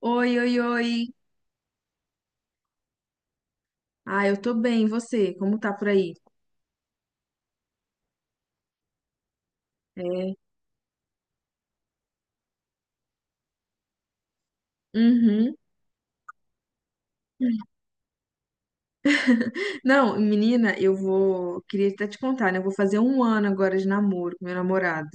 Oi, oi, oi. Ah, eu tô bem, e você? Como tá por aí? É. Uhum. Não, menina, eu vou. Queria até te contar, né? Eu vou fazer um ano agora de namoro com meu namorado.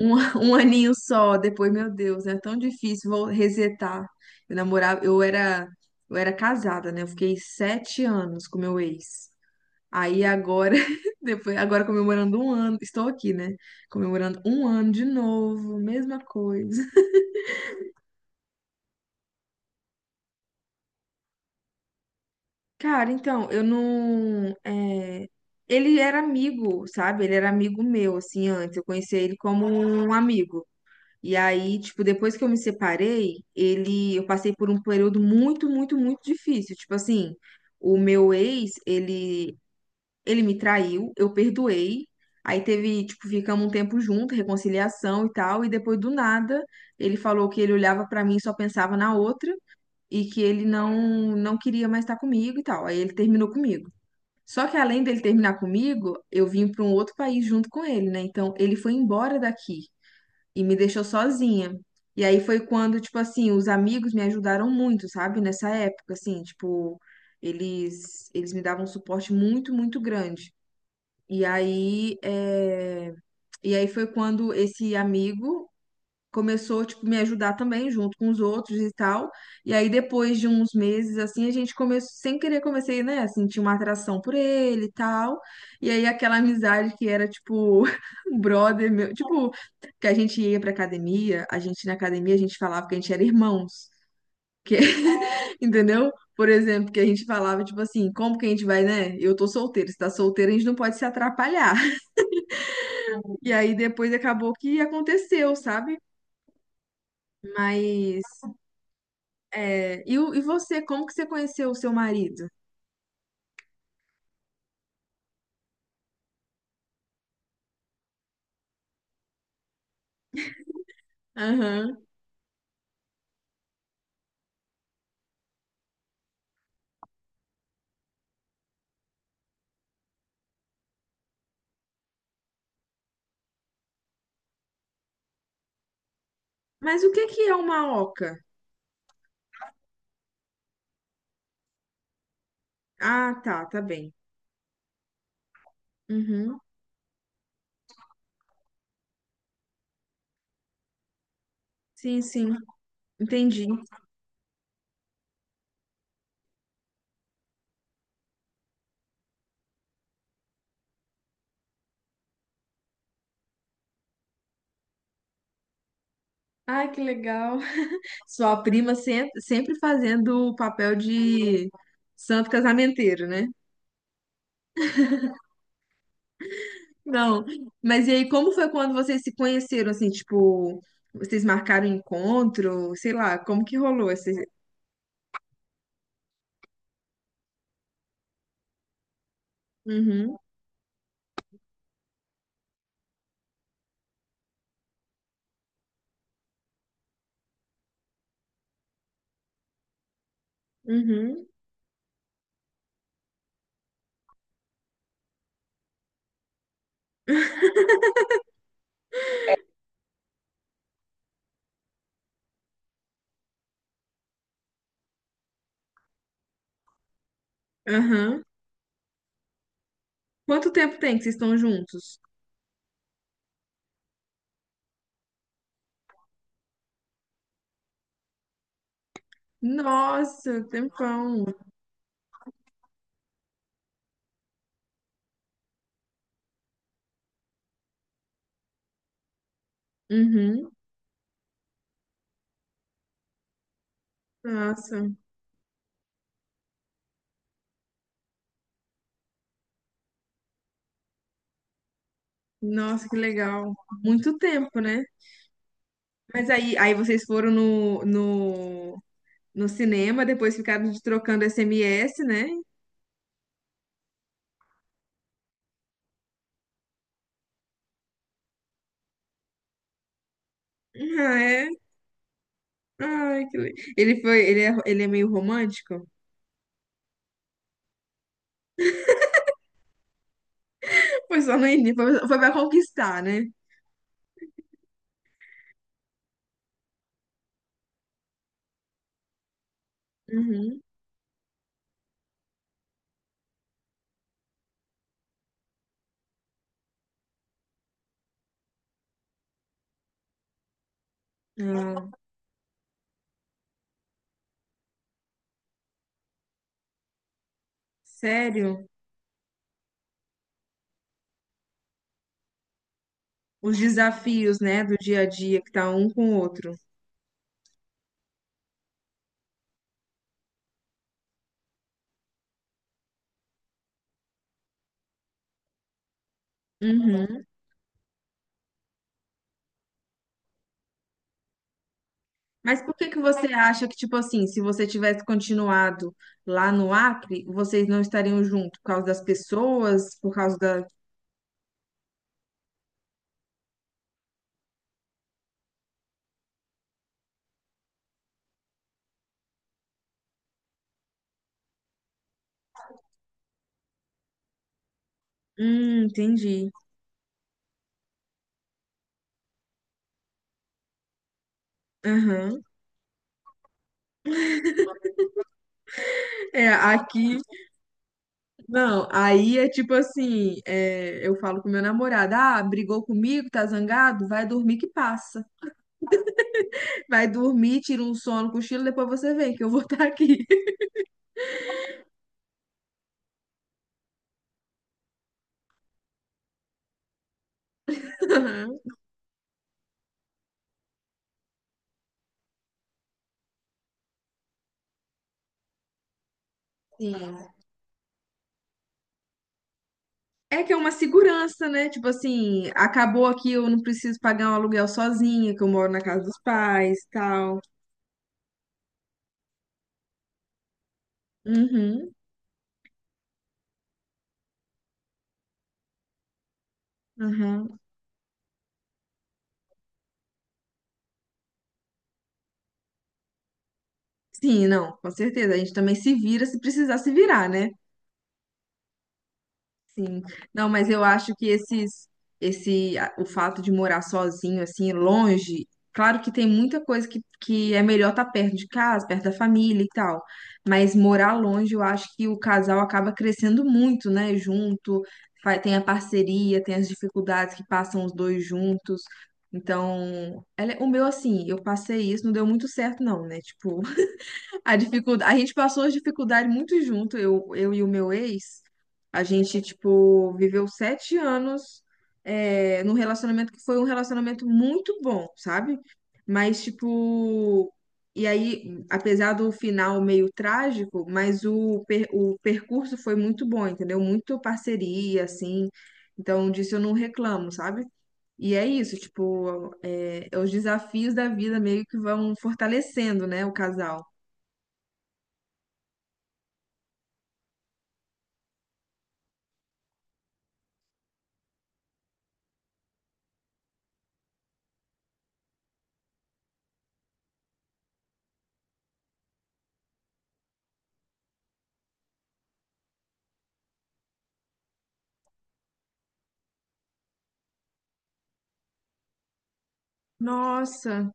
Um, um aninho só, depois, meu Deus, é tão difícil, vou resetar. Eu namorava, eu era, eu era casada, né? Eu fiquei sete anos com meu ex. Aí agora, depois, agora comemorando um ano, estou aqui, né? Comemorando um ano de novo, mesma coisa. Cara, então, eu não. é, ele era amigo, sabe? Ele era amigo meu, assim, antes. Eu conhecia ele como um amigo. E aí, tipo, depois que eu me separei, ele. Eu passei por um período muito, muito, muito difícil. Tipo assim, o meu ex, ele. Ele me traiu, eu perdoei. Aí teve, tipo, ficamos um tempo junto, reconciliação e tal. E depois do nada, ele falou que ele olhava pra mim e só pensava na outra e que ele não queria mais estar comigo e tal. Aí ele terminou comigo. Só que além dele terminar comigo, eu vim para um outro país junto com ele, né? Então ele foi embora daqui e me deixou sozinha. E aí foi quando, tipo assim, os amigos me ajudaram muito, sabe? Nessa época, assim, tipo, eles me davam um suporte muito, muito grande. E aí, e aí foi quando esse amigo começou, tipo, me ajudar também, junto com os outros e tal. E aí, depois de uns meses, assim, a gente começou, sem querer, comecei, né, a sentir uma atração por ele e tal. E aí, aquela amizade que era, tipo, um brother meu, tipo, que a gente ia pra academia, a gente na academia, a gente falava que a gente era irmãos. Que... Entendeu? Por exemplo, que a gente falava, tipo assim, como que a gente vai, né? Eu tô solteiro, se tá solteiro, a gente não pode se atrapalhar. E aí depois acabou que aconteceu, sabe? Mas é, e, e você, como que você conheceu o seu marido? Aham. Mas o que que é uma oca? Ah, tá, tá bem. Uhum. Sim, sim, entendi. Ai, que legal. Sua prima sempre fazendo o papel de santo casamenteiro, né? Não, mas e aí, como foi quando vocês se conheceram, assim, tipo, vocês marcaram encontro, sei lá, como que rolou esse... Uhum, uhum, aham. Quanto tempo tem que vocês estão juntos? Nossa, um tempão. Uhum. Nossa, nossa, que legal. Muito tempo, né? Mas aí, aí vocês foram no cinema, depois ficaram trocando SMS, né? Ah, é? Ai, ele foi, ele é meio romântico? Foi só no início, foi, foi pra conquistar, né? Uhum. Ah, sério? Os desafios, né, do dia a dia que tá um com o outro. Uhum. Mas por que que você acha que, tipo assim, se você tivesse continuado lá no Acre, vocês não estariam juntos? Por causa das pessoas, por causa da. Entendi. Aham. É, aqui. Não, aí é tipo assim: é, eu falo com meu namorado, ah, brigou comigo, tá zangado? Vai dormir que passa. Vai dormir, tira um sono, cochilo, depois você vem, que eu vou estar aqui. Aham. Sim. É que é uma segurança, né? Tipo assim, acabou aqui, eu não preciso pagar um aluguel sozinha, que eu moro na casa dos pais, tal. Uhum, uhum. Sim, não, com certeza. A gente também se vira se precisar se virar, né? Sim. Não, mas eu acho que esse, o fato de morar sozinho, assim, longe, claro que tem muita coisa que é melhor estar perto de casa, perto da família e tal. Mas morar longe, eu acho que o casal acaba crescendo muito, né? Junto, tem a parceria, tem as dificuldades que passam os dois juntos. Então, é, o meu, assim, eu passei isso, não deu muito certo, não, né? Tipo, a dificuldade, a gente passou as dificuldades muito junto, eu e o meu ex. A gente, tipo, viveu sete anos num relacionamento que foi um relacionamento muito bom, sabe? Mas, tipo, e aí, apesar do final meio trágico, mas o percurso foi muito bom, entendeu? Muito parceria, assim. Então, disso eu não reclamo, sabe? E é isso, tipo, é os desafios da vida meio que vão fortalecendo, né, o casal. Nossa.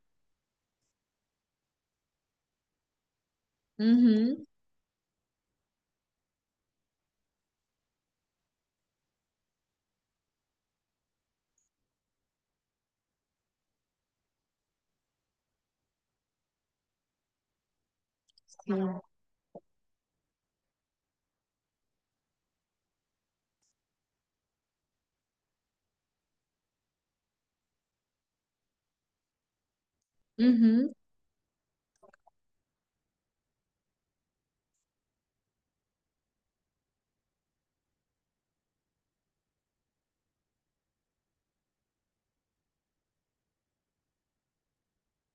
Uhum. Sim. Uhum.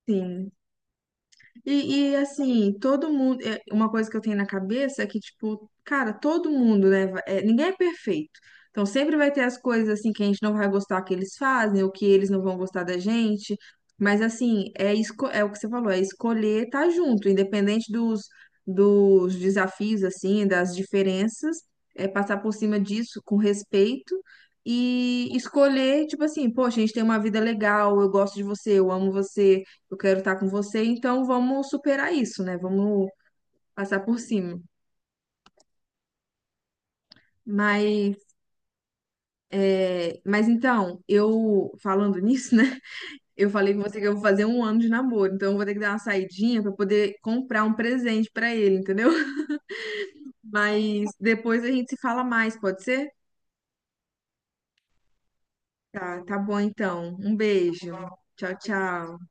Sim. Assim, uma coisa que eu tenho na cabeça é que, tipo, cara, todo mundo, né? Ninguém é perfeito. Então sempre vai ter as coisas assim que a gente não vai gostar que eles fazem, ou que eles não vão gostar da gente. Mas assim, é, é o que você falou, é escolher estar junto, independente dos, dos desafios, assim, das diferenças, é passar por cima disso com respeito. E escolher, tipo assim, poxa, a gente tem uma vida legal, eu gosto de você, eu amo você, eu quero estar com você, então vamos superar isso, né? Vamos passar por cima. Mas, é, mas então, eu falando nisso, né? Eu falei com você que eu vou fazer um ano de namoro, então eu vou ter que dar uma saidinha para poder comprar um presente para ele, entendeu? Mas depois a gente se fala mais, pode ser? Tá, tá bom então. Um beijo. Tchau, tchau.